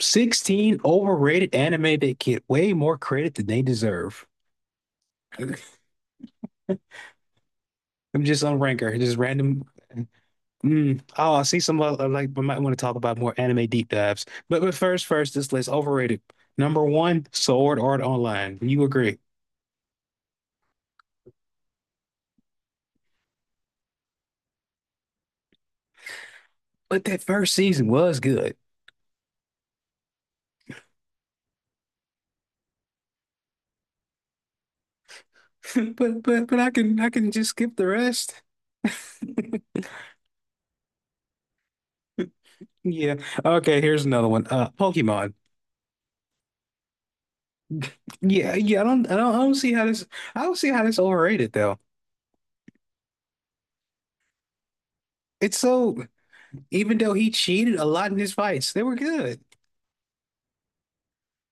16 overrated anime that get way more credit than they deserve. I'm just on Ranker, just random. Oh, I see some other, like we might want to talk about more anime deep dives. But first, this list overrated. Number one, Sword Art Online. You agree? But that first season was good. But I can just skip the rest. Yeah. Okay, here's another one. Pokemon. Yeah, yeah. I don't see how this. I don't see how this overrated though. It's so even though he cheated a lot in his fights, they were good.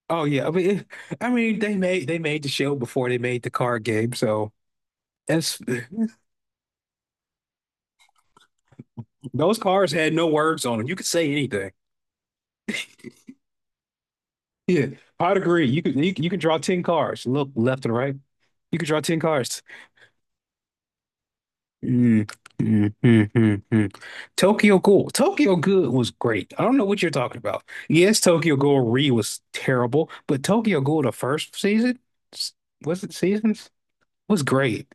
Oh yeah, I mean, I mean they made the show before they made the card game, so that's those cards had no words on them. You could say anything. Yeah, I'd agree. You could draw ten cards. Look left and right. You could draw ten cards. Mm, mm, mm, mm, mm. Tokyo Ghoul. Tokyo Good was great. I don't know what you're talking about. Yes, Tokyo Ghoul Re was terrible, but Tokyo Ghoul the first s- seasons was great.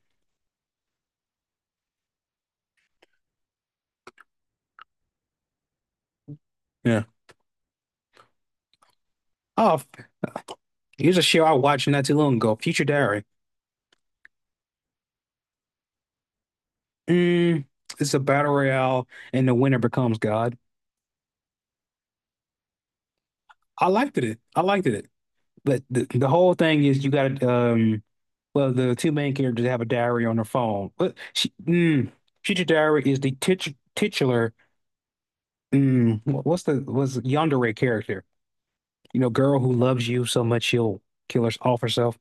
Yeah. Oh, here's a show I watched not too long ago, Future Diary. Mm, it's a battle royale, and the winner becomes God. I liked it. I liked it. But the whole thing is you got to well, the two main characters have a diary on their phone. But Future Diary is the titular. What's the was Yandere character? You know, girl who loves you so much she'll kill her off herself.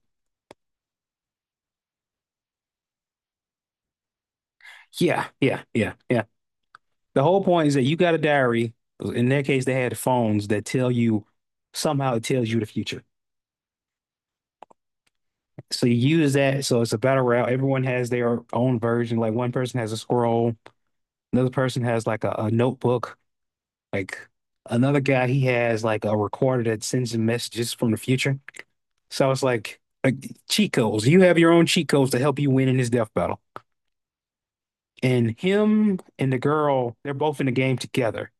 Yeah, yeah, yeah, yeah. The whole point is that you got a diary. In their case, they had phones that tell you somehow it tells you the future. So you use that. So it's a battle royale. Everyone has their own version. Like one person has a scroll, another person has like a notebook. Like another guy, he has like a recorder that sends him messages from the future. So it's like cheat codes. You have your own cheat codes to help you win in this death battle. And him and the girl, they're both in the game together.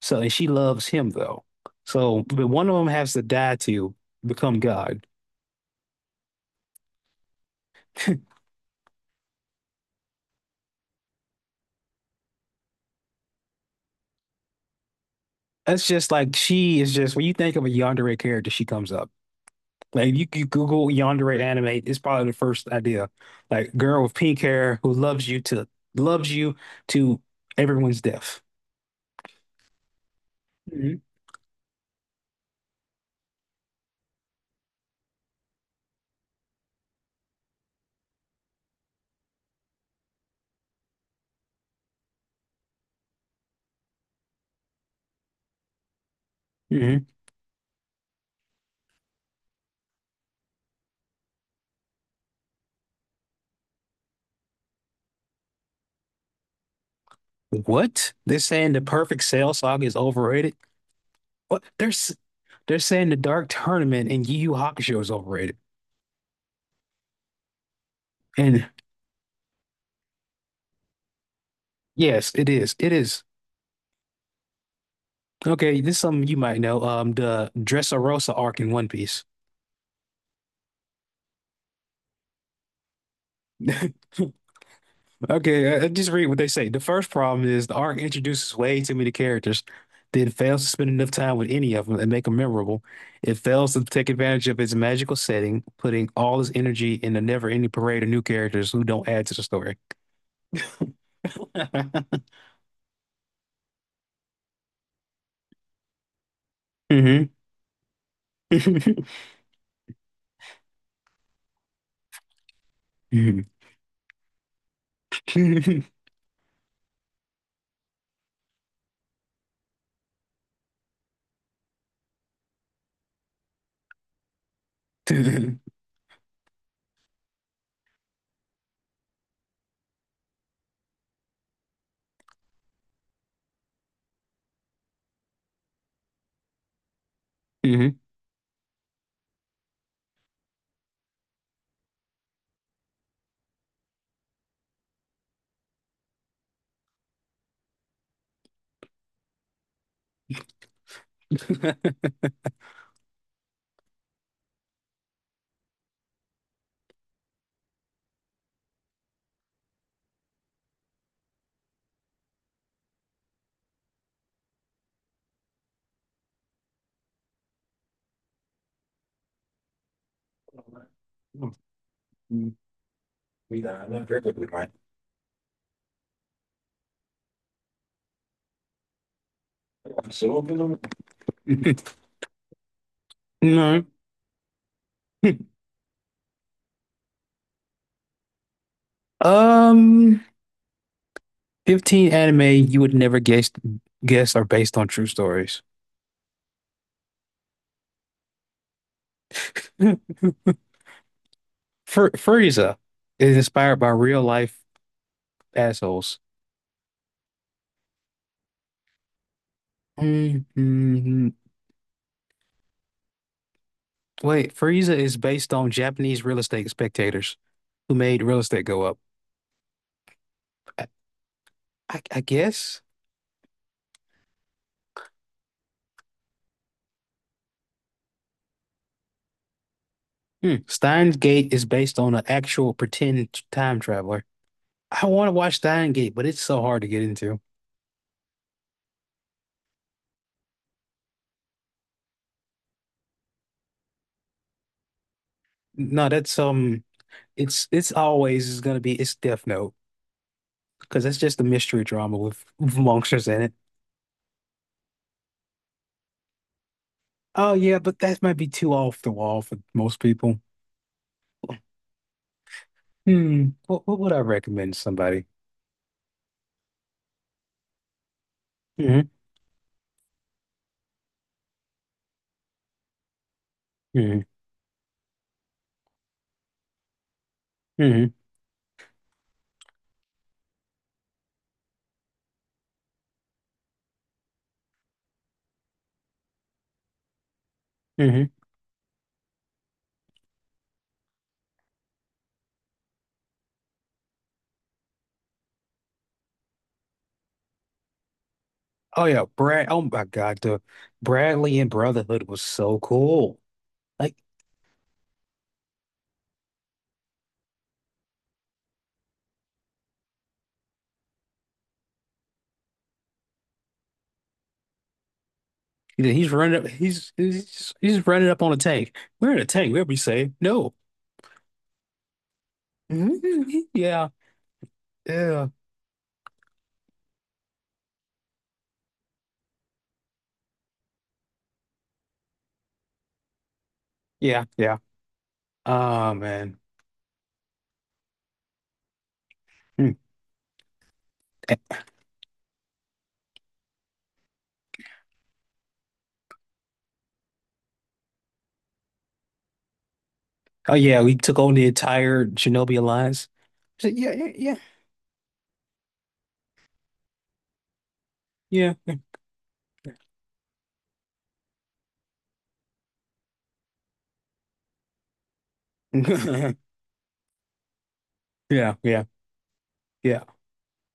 So, and she loves him though. So, but one of them has to die to become God. That's just like she is just when you think of a yandere character, she comes up. Like you Google yandere anime, it's probably the first idea. Like girl with pink hair who loves you to everyone's death. Hmm hmm What? They're saying the perfect Cell Saga is overrated. What? They're s- they're saying the Dark Tournament and Yu Yu Hakusho is overrated. And yes, it is. It is. Okay, this is something you might know. The Dressrosa arc in One Piece. Okay, I just read what they say. The first problem is the arc introduces way too many characters, then fails to spend enough time with any of them and make them memorable. It fails to take advantage of its magical setting, putting all its energy in a never-ending parade of new characters who don't add to the story. hmm No. Um, 15 anime you would never guess are based on true stories. Fur Frieza is inspired by real life assholes. Mhm. Wait, Frieza is based on Japanese real estate spectators who made real estate go up. I, I guess. Hmm. Steins Gate is based on an actual pretend time traveler. I want to watch Steins Gate, but it's so hard to get into. No, that's it's always is gonna be it's Death Note, because it's just a mystery drama with, monsters in it. Oh yeah, but that might be too off the wall for most people. Hmm, what would I recommend somebody? Hmm hmm hmm hmm Oh yeah, Brad. Oh my God, the Bradley and Brotherhood was so cool. Like yeah, he's running up, he's just, he's running up on a tank. We're in a tank. We're be safe. No. Mhm. Yeah. Yeah. Yeah. Yeah. Oh man. Hmm. Oh yeah, we took over the entire Chernobyl Alliance. So, yeah, yeah, yeah, yeah, yeah, yeah, yeah.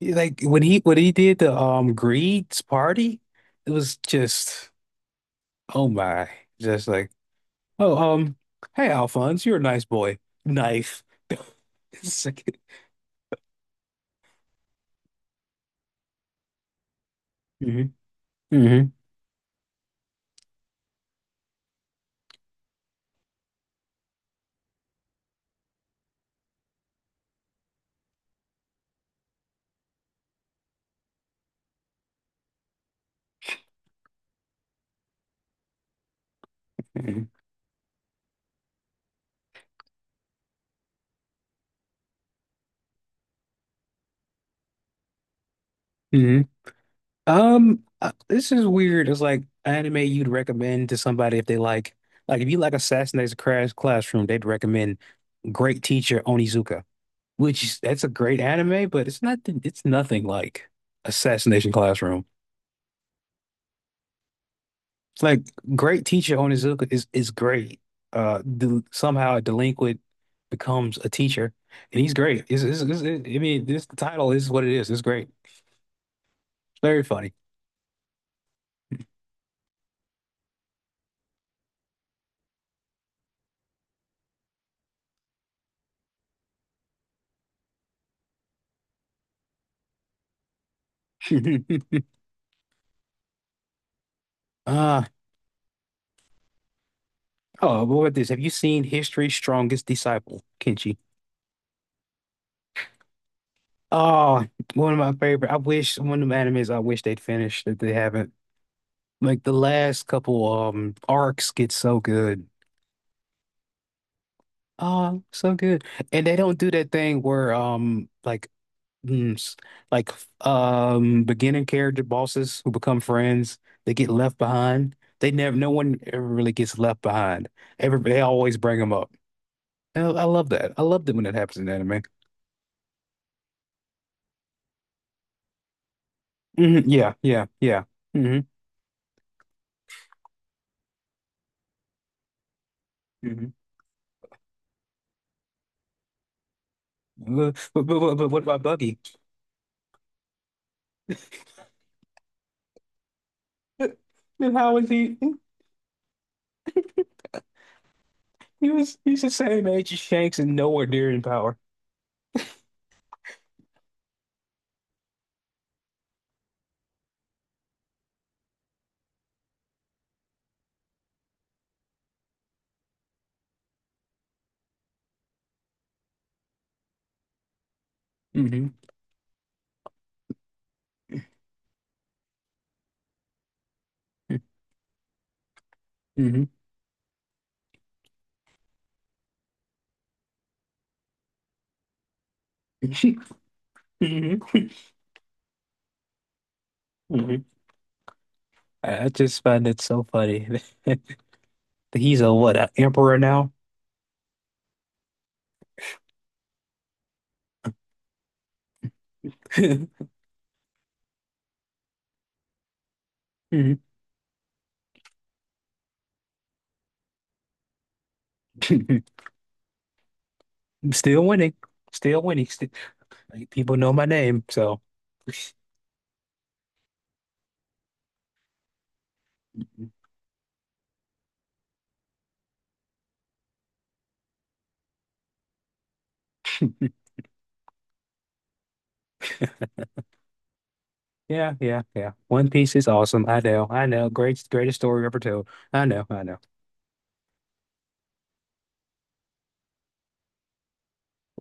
Like when he did the Greed's party, it was just oh my, just like oh hey Alphonse, you're a nice boy. Knife. It's like, mhm, mhm, mhm, mhm. This is weird. It's like anime you'd recommend to somebody if they if you like Assassination Crash Classroom, they'd recommend. Great Teacher Onizuka, which that's a great anime, but it's nothing like Assassination Classroom. It's like Great Teacher Onizuka is great. Del somehow a delinquent becomes a teacher, and he's great. Is I mean, this the title is what it is. It's great. It's very funny. Uh, oh, what about this? Have you seen History's Strongest Disciple, Kenshi? Oh, one of my favorite. I wish one of the animes I wish they'd finished that they haven't. Like the last couple arcs get so good. Oh, so good. And they don't do that thing where mm, s- like beginning character bosses who become friends, they get left behind. They never no one ever really gets left behind. Everybody they always bring them up. I love that. I loved it when it happens in anime. Hmm Yeah, yeah, yeah. hmm hmm But what about Buggy? And How is he? He was he's the same age as Shanks and nowhere near in power. Mm-hmm. hmm hmm hmm I just find it so funny, that he's a what, an emperor now? Mhm. Still winning. Still winning. Still, like, people know my name, so yeah, yeah, yeah. One Piece is awesome. I know, I know. Greatest story ever told. I know, I know.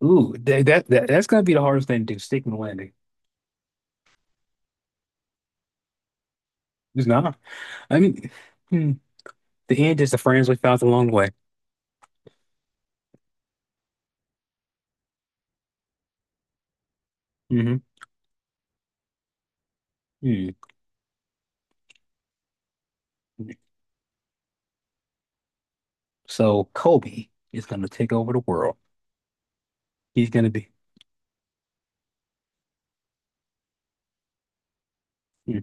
Ooh, that's gonna be the hardest thing to do, sticking the landing. It's not. I mean, hmm, the end is the friends we found along the way. Mm-hmm. So Kobe is going to take over the world. He's going to be. Hmm.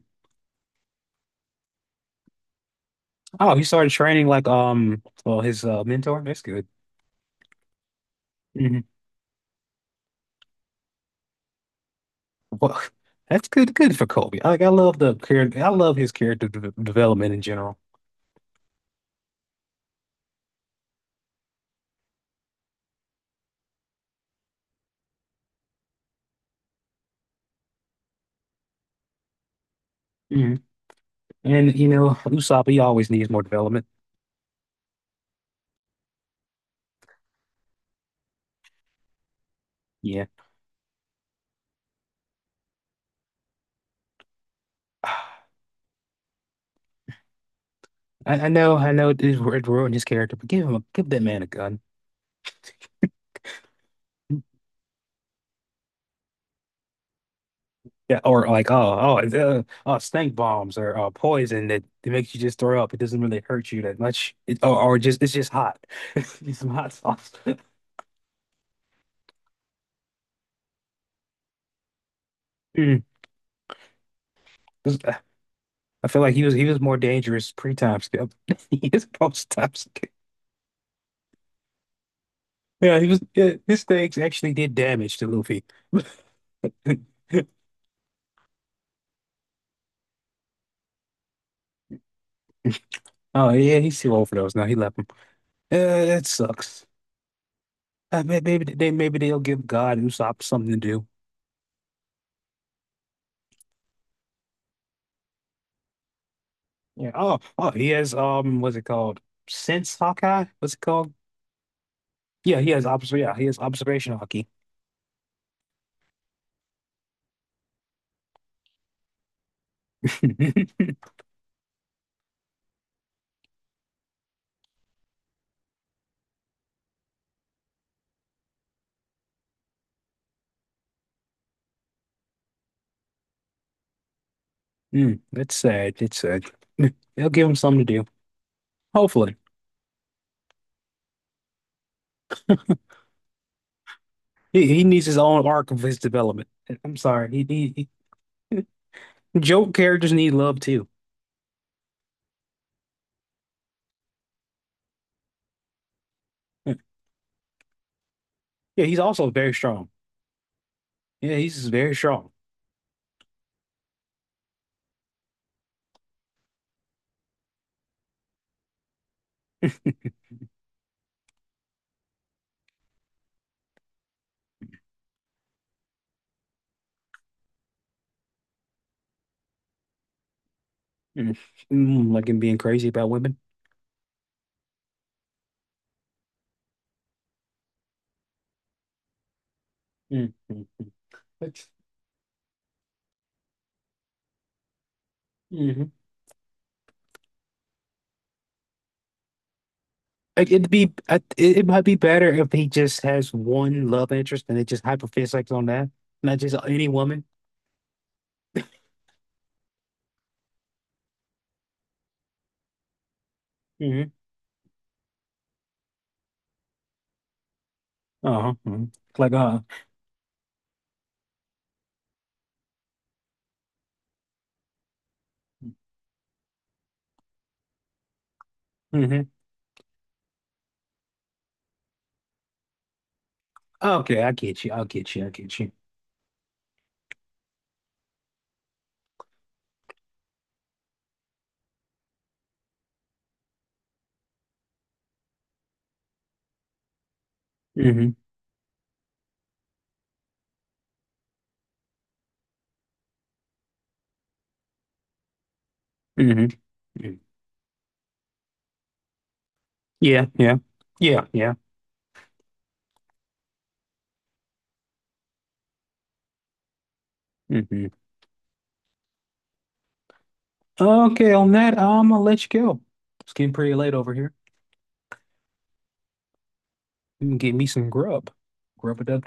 Oh, he started training like well, his mentor. That's good. Hmm Well, that's good. Good for Kobe. Like I love the character. I love his character de development in general. Mhm. And you know, Usopp, he always needs more development. Yeah. I know. I know it is it ruined his character, but give that man a gun. Yeah, or like, stink bombs or poison that makes you just throw up. It doesn't really hurt you that much. It, or just it's just hot. It's some hot sauce. Mm. This- uh, I feel like he was more dangerous pre-time skip. He is post-time skip. Yeah, he was. Yeah, his stakes actually did damage to Luffy. Oh yeah, he's too old for those now. He left him. That sucks. Maybe they'll give God Usopp something to do. Yeah. Oh, he has what's it called? Sense Hawkeye? What's it called? Yeah, he has obs. Yeah, he has observation hockey. Mm, that's sad. That's sad. They'll give him something to do. Hopefully, he needs his own arc of his development. I'm sorry. He joke characters need love too. Yeah, he's also very strong. Yeah, he's just very strong. Mm, like him being crazy about women. Mm, mm, mm. That's- mhm. Like it'd be, it it might be better if he just has one love interest and it just hyperfixates on that, not just any woman. Hmm Uh-huh. mhm. Like, uh, hmm Okay, I get you. I get you. I get you. Hmm hmm Yeah, yeah, yeah, yeah. hmm Okay, on that, I'm gonna let you go. It's getting pretty late over here. You can get me some grub. Grub it up.